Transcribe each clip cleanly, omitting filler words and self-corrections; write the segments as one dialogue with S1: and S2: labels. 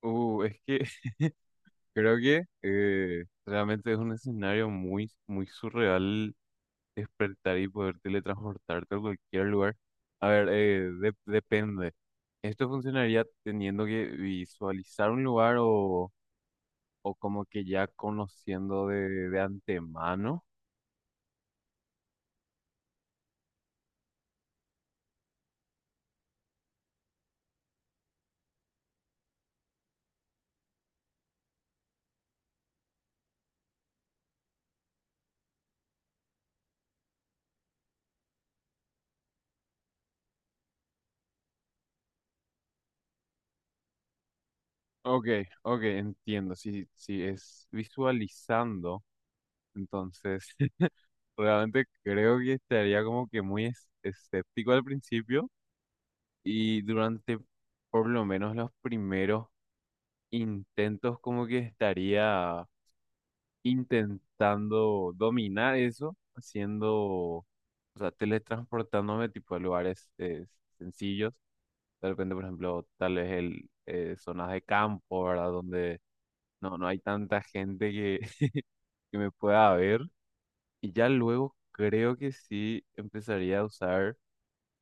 S1: Es que creo que realmente es un escenario muy, muy surreal despertar y poder teletransportarte a cualquier lugar. A ver, depende. ¿Esto funcionaría teniendo que visualizar un lugar o como que ya conociendo de antemano? Ok, ok, entiendo. Si, si es visualizando, entonces realmente creo que estaría como que muy escéptico al principio. Y durante por lo menos los primeros intentos, como que estaría intentando dominar eso, haciendo, o sea, teletransportándome tipo a lugares sencillos. De repente, por ejemplo, tal vez zonas de campo, ¿verdad? Donde no, no hay tanta gente que, que me pueda ver. Y ya luego creo que sí empezaría a usar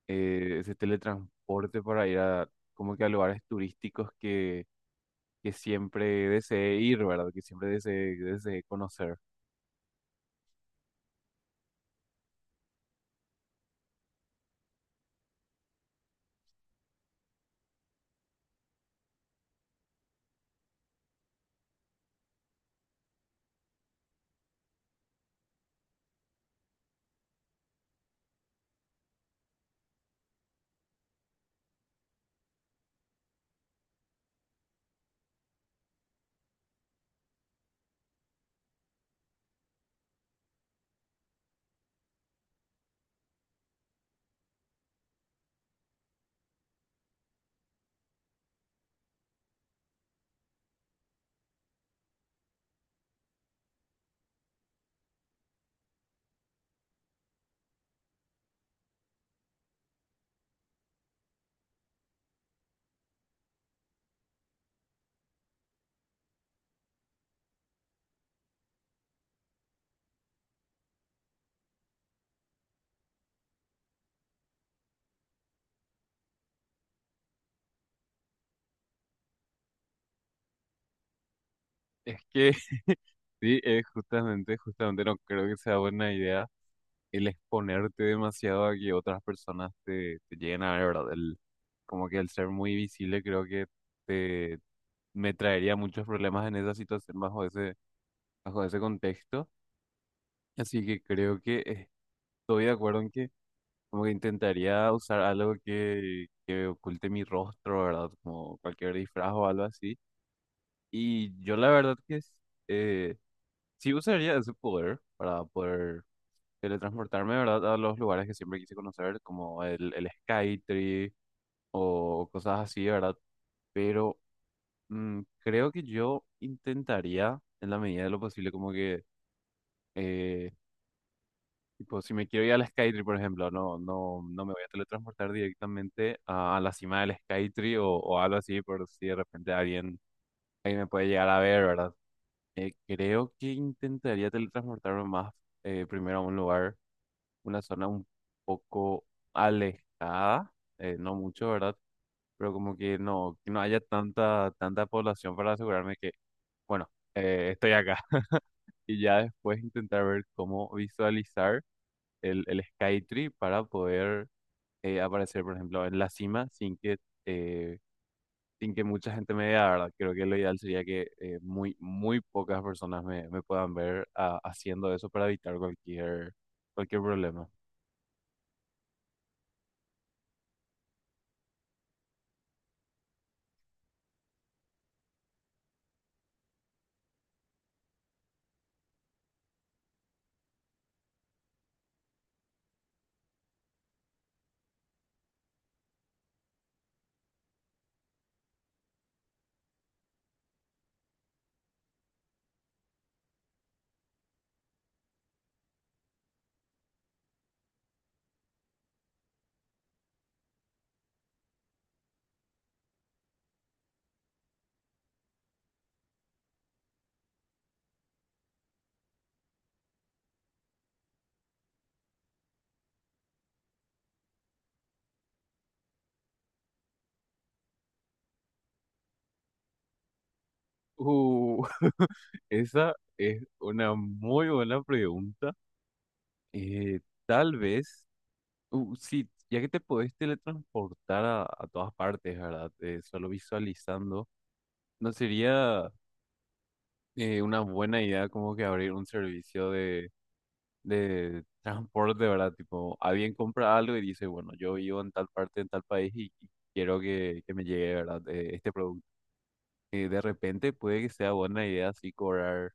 S1: ese teletransporte para ir a como que a lugares turísticos que siempre deseé ir, ¿verdad? Que siempre deseé conocer. Es que sí, justamente, justamente no creo que sea buena idea el exponerte demasiado a que otras personas te lleguen a ver, ¿verdad? El, como que el ser muy visible creo que te, me traería muchos problemas en esa situación bajo bajo ese contexto. Así que creo que estoy de acuerdo en que como que intentaría usar algo que oculte mi rostro, ¿verdad? Como cualquier disfraz o algo así. Y yo la verdad que es, eh, sí usaría ese poder para poder teletransportarme, ¿verdad? A los lugares que siempre quise conocer, como el Skytree o cosas así, ¿verdad? Pero creo que yo intentaría, en la medida de lo posible, como que, eh, tipo, si me quiero ir al Skytree, por ejemplo, no me voy a teletransportar directamente a la cima del Skytree o algo así, por si de repente alguien me puede llegar a ver, ¿verdad? Creo que intentaría teletransportarme más primero a un lugar, una zona un poco alejada, no mucho, ¿verdad? Pero como que no haya tanta, tanta población para asegurarme que, bueno, estoy acá. Y ya después intentar ver cómo visualizar el Skytree para poder aparecer, por ejemplo, en la cima sin que eh, sin que mucha gente me vea, ¿verdad? Creo que lo ideal sería que muy, muy pocas personas me puedan ver ah, haciendo eso para evitar cualquier, cualquier problema. Uh, esa es una muy buena pregunta. Eh, tal vez, sí, ya que te podés teletransportar a todas partes, ¿verdad? Solo visualizando, ¿no sería una buena idea como que abrir un servicio de transporte, ¿verdad? Tipo, alguien compra algo y dice, bueno, yo vivo en tal parte, en tal país y quiero que me llegue, ¿verdad? Este producto. De repente puede que sea buena idea así cobrar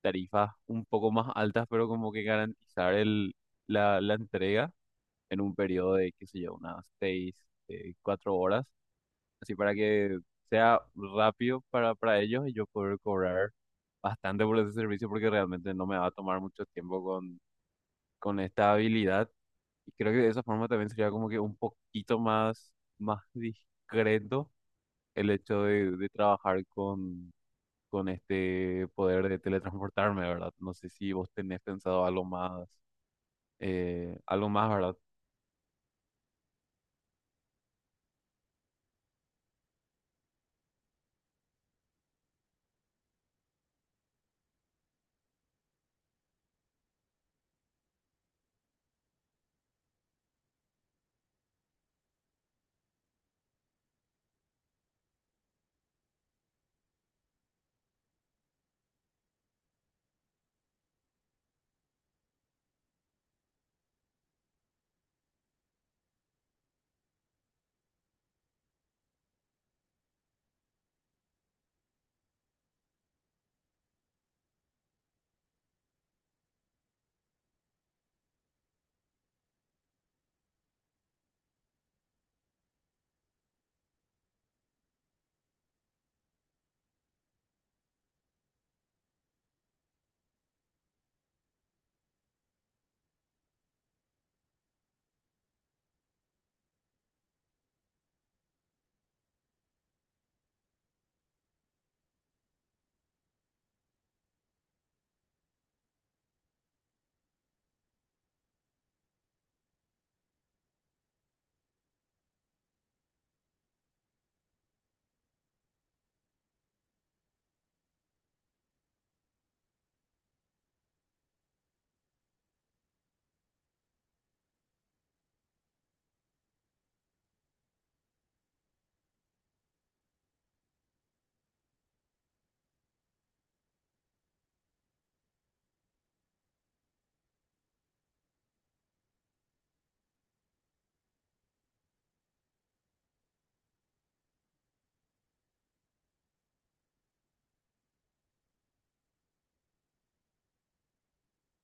S1: tarifas un poco más altas, pero como que garantizar la entrega en un periodo de, qué sé yo, unas 4 horas, así para que sea rápido para ellos y yo poder cobrar bastante por ese servicio porque realmente no me va a tomar mucho tiempo con esta habilidad. Y creo que de esa forma también sería como que un poquito más, más discreto el hecho de trabajar con este poder de teletransportarme, ¿verdad? No sé si vos tenés pensado algo más, ¿verdad?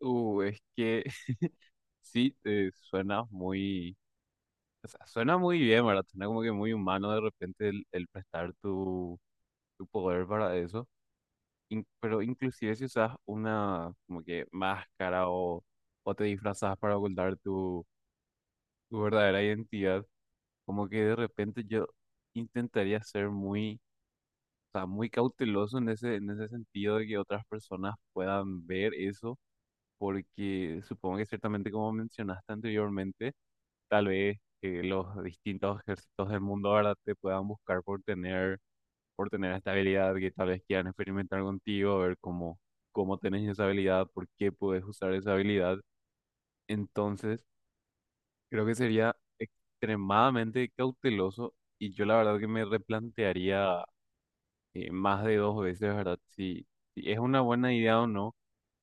S1: Es que sí, suena muy, o sea, suena muy bien, ¿verdad? Suena como que muy humano de repente el prestar tu, tu poder para eso. Pero inclusive si usas una como que máscara o te disfrazas para ocultar tu, tu verdadera identidad, como que de repente yo intentaría ser muy, o sea, muy cauteloso en ese sentido de que otras personas puedan ver eso, porque supongo que ciertamente como mencionaste anteriormente, tal vez los distintos ejércitos del mundo ahora te puedan buscar por tener esta habilidad que tal vez quieran experimentar contigo, a ver cómo, cómo tenés esa habilidad, por qué puedes usar esa habilidad. Entonces, creo que sería extremadamente cauteloso y yo la verdad que me replantearía más de 2 veces, ¿verdad? Si, si es una buena idea o no,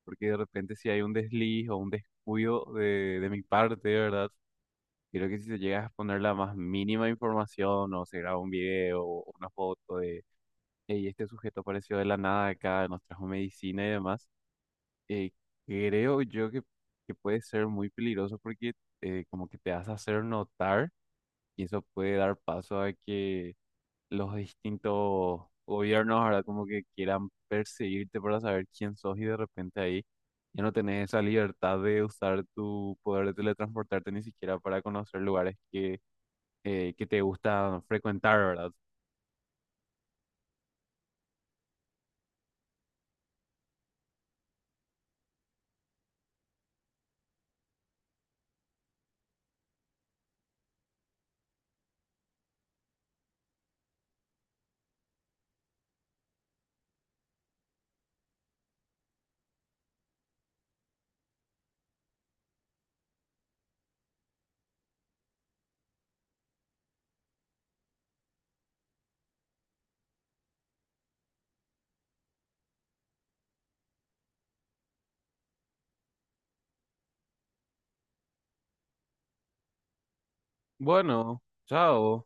S1: porque de repente si hay un desliz o un descuido de mi parte, ¿verdad? Creo que si se llega a exponer la más mínima información o se graba un video o una foto de. Y este sujeto apareció de la nada acá, nos trajo medicina y demás. Eh, creo yo que puede ser muy peligroso porque como que te hace hacer notar y eso puede dar paso a que los distintos gobiernos ahora como que quieran perseguirte para saber quién sos y de repente ahí ya no tenés esa libertad de usar tu poder de teletransportarte ni siquiera para conocer lugares que te gusta frecuentar, ¿verdad? Bueno, chao.